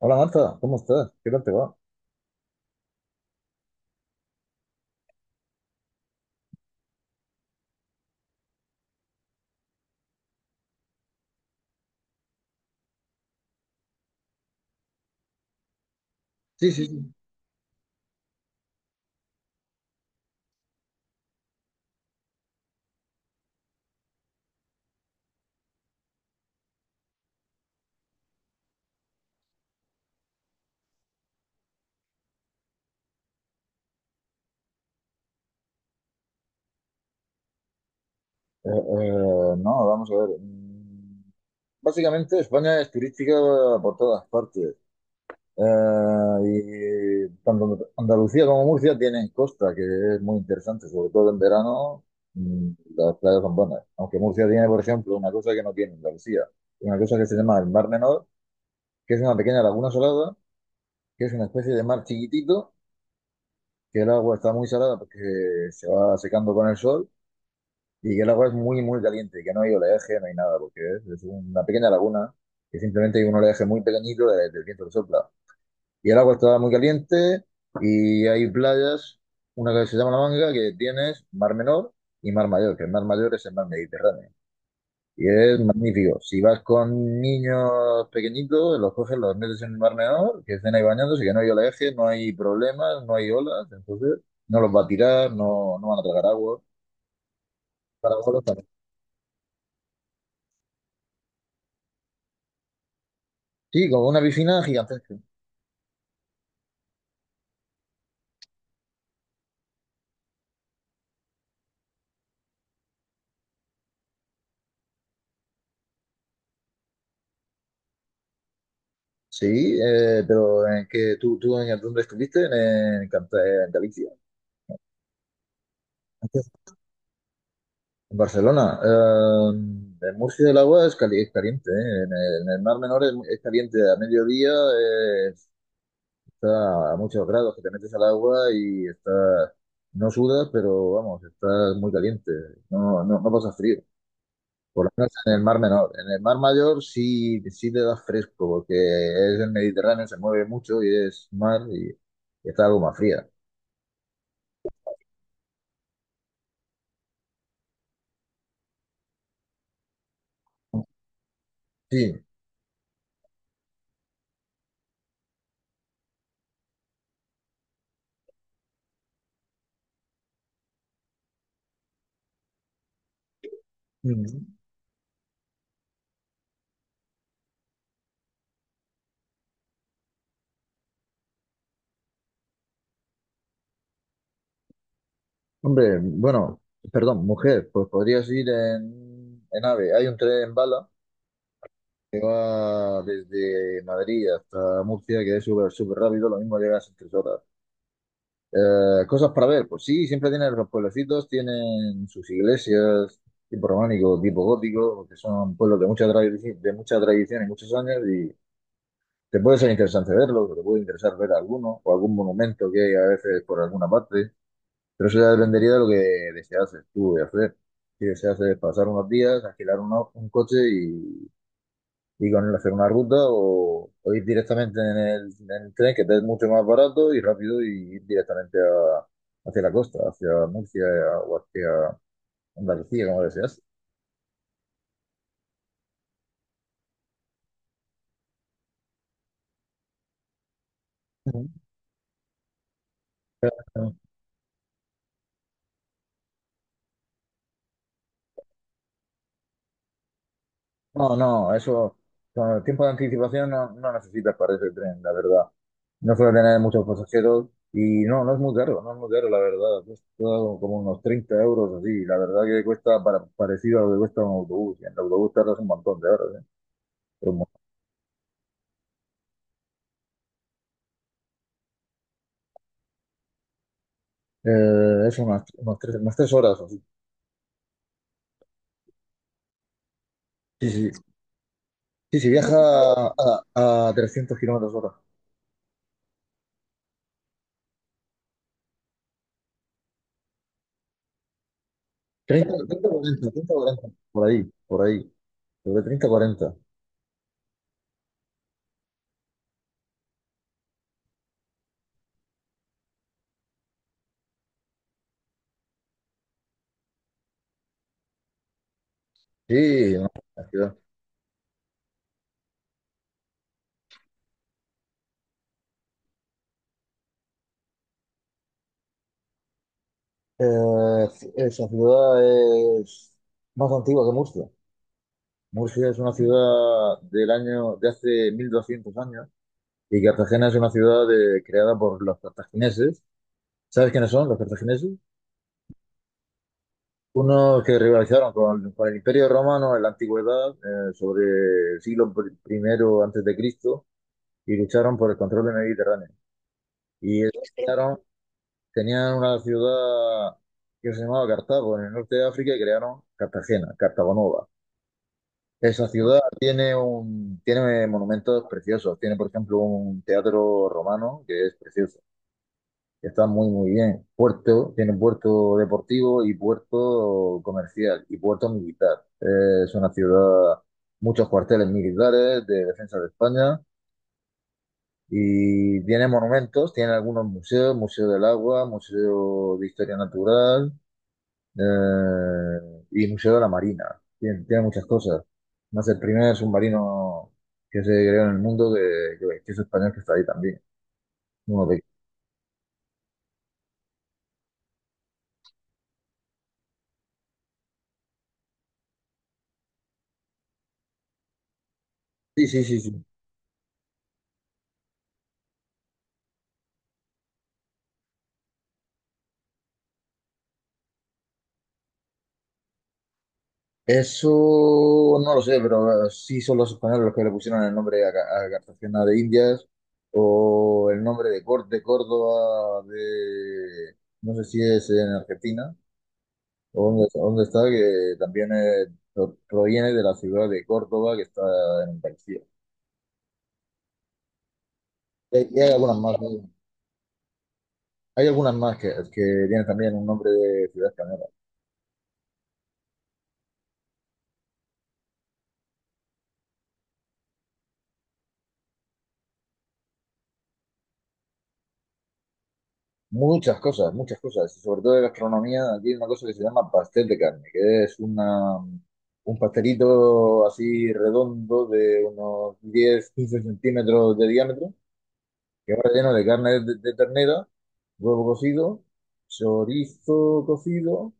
Hola Marta, ¿cómo estás? ¿Qué tal te va? Sí, sí, sí. Eh, eh, no, vamos a ver. Básicamente España es turística por todas partes. Y tanto Andalucía como Murcia tienen costa, que es muy interesante, sobre todo en verano. mm, las playas son buenas. Aunque Murcia tiene, por ejemplo, una cosa que no tiene Andalucía, una cosa que se llama el Mar Menor, que es una pequeña laguna salada, que es una especie de mar chiquitito, que el agua está muy salada porque se va secando con el sol y que el agua es muy, muy caliente, que no hay oleaje, no hay nada, porque es una pequeña laguna que simplemente hay un oleaje muy pequeñito del viento que sopla. Y el agua está muy caliente y hay playas, una que se llama La Manga, que tienes Mar Menor y Mar Mayor, que el Mar Mayor es el mar Mediterráneo. Y es magnífico. Si vas con niños pequeñitos, los coges, los metes en el Mar Menor, que estén ahí bañándose, que no hay oleaje, no hay problemas, no hay olas, entonces no los va a tirar, no, no van a tragar agua. Para Sí, como una piscina gigantesca. Sí, pero que tú en, ¿dónde estuviste? En, Cant- En Galicia. En Barcelona. En Murcia el agua es caliente, ¿eh? En el Mar Menor es caliente. A mediodía está a muchos grados que te metes al agua y está, no sudas, pero vamos, estás muy caliente. No, no, no pasa frío. Por lo menos en el Mar Menor. En el Mar Mayor sí, sí te da fresco, porque es el Mediterráneo, se mueve mucho y es mar y está algo más fría. Sí. Mm. Hombre, bueno, perdón, mujer, pues podrías ir en AVE. Hay un tren bala que va desde Madrid hasta Murcia, que es súper súper rápido, lo mismo llegas en 3 horas. Cosas para ver, pues sí, siempre tienen los pueblecitos, tienen sus iglesias, tipo románico, tipo gótico, porque son pueblos de mucha tradición y muchos años, y te puede ser interesante verlos, o te puede interesar ver alguno, o algún monumento que hay a veces por alguna parte, pero eso ya dependería de lo que deseas tú de hacer. Si deseas pasar unos días, alquilar un coche y con hacer una ruta o ir directamente en el tren, que es mucho más barato y rápido, y ir directamente hacia la costa, hacia Murcia o hacia Andalucía, como deseas. Ujú. No, no, eso con el tiempo de anticipación no, no necesitas para ese tren, la verdad. No suele tener muchos pasajeros y no, no es muy caro, no es muy caro, la verdad. Cuesta como unos 30 euros así, la verdad que cuesta parecido a lo que cuesta un autobús. Y en el autobús tardas un montón de horas, ¿eh? Eso, unas tres horas o así. Sí, sí, sí. Sí, sí, viaja a 300 kilómetros hora. Treinta 30 40, 30, 40. Por ahí, por ahí. Sobre treinta cuarenta. Sí, no, la ciudad. Eh, Esa ciudad es más antigua que Murcia. Murcia es una ciudad del año, de hace 1200 años, y Cartagena es una ciudad creada por los cartagineses. ¿Sabes quiénes son los cartagineses? Uno que rivalizaron con el Imperio Romano en la antigüedad, sobre el siglo primero antes de Cristo, y lucharon por el control del Mediterráneo. Y ellos tenían una ciudad que se llamaba Cartago en el norte de África y crearon Cartagena, Cartago Nova. Esa ciudad tiene monumentos preciosos. Tiene, por ejemplo, un teatro romano que es precioso. Está muy, muy bien. Puerto, tiene puerto deportivo y puerto comercial y puerto militar. Es una ciudad, muchos cuarteles militares de defensa de España y tiene monumentos, tiene algunos museos, Museo del Agua, Museo de Historia Natural y Museo de la Marina. Tiene muchas cosas. Más el primer submarino que se creó en el mundo que es español que está ahí también. Uno de. Sí, sí, sí, sí. Eso no lo sé, pero sí son los españoles los que le pusieron el nombre a Cartagena de Indias o el nombre de Córdoba de. No sé si es en Argentina o dónde está, que también proviene de la ciudad de Córdoba que está en Andalucía. Y hay algunas más, ¿no? Hay algunas más que tienen también un nombre de ciudad española. Muchas cosas, y sobre todo de gastronomía, aquí hay una cosa que se llama pastel de carne, que es un pastelito así redondo de unos 10 15 centímetros de diámetro, que va relleno de carne de ternera, huevo cocido, chorizo cocido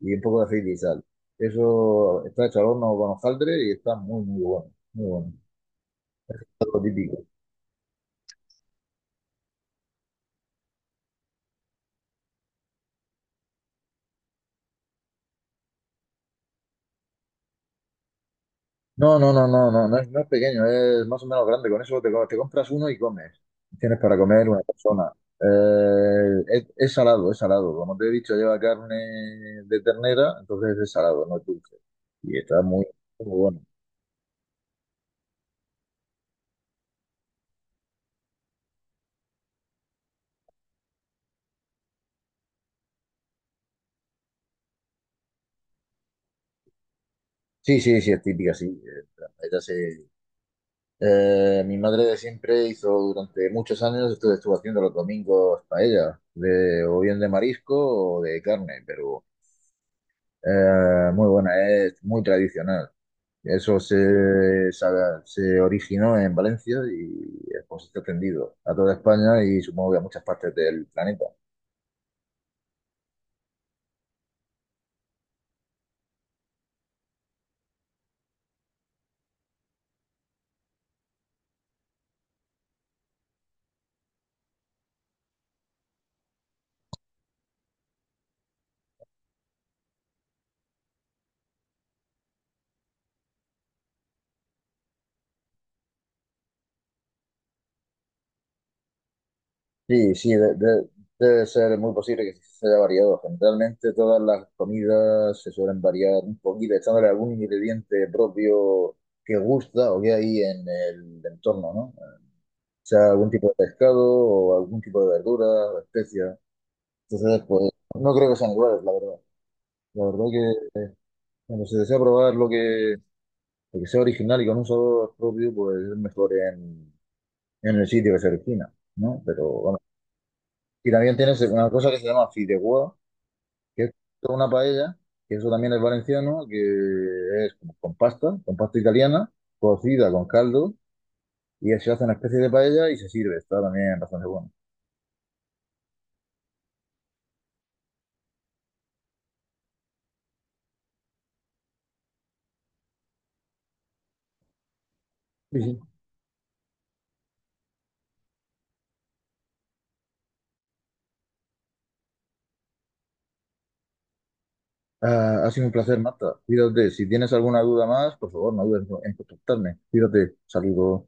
y un poco de aceite y sal. Eso está hecho al horno con hojaldre y está muy, muy bueno, muy bueno, algo típico. No, no, no, no, no, no es pequeño, es más o menos grande. Con eso te compras uno y comes. Tienes para comer una persona. Es salado, es salado. Como te he dicho, lleva carne de ternera, entonces es salado, no es dulce. Y está muy, muy bueno. Sí, sí, sí, es típica, sí. Mi madre de siempre hizo durante muchos años, estuvo haciendo los domingos paella, o bien de marisco o de carne, pero muy buena, es muy tradicional. Eso se originó en Valencia y es, pues, está extendido a toda España y supongo que a muchas partes del planeta. Sí, sí, debe ser muy posible que se haya variado. Generalmente todas las comidas se suelen variar un poquito, echándole algún ingrediente propio que gusta o que hay en el entorno, ¿no? O sea, algún tipo de pescado o algún tipo de verdura o especias. Entonces, pues no creo que sean iguales, la verdad. La verdad que cuando se desea probar lo que el que sea original y con un sabor propio, pues es mejor en el sitio que se origina, ¿no? Pero bueno. Y también tienes una cosa que se llama fideuá, que es toda una paella, que eso también es valenciano, que es como con pasta italiana, cocida con caldo, y se hace una especie de paella y se sirve. Está también bastante bueno. Sí, sí. Ah, ha sido un placer, Marta. Cuídate. Si tienes alguna duda más, por favor, no dudes en contactarme. Cuídate. Saludos.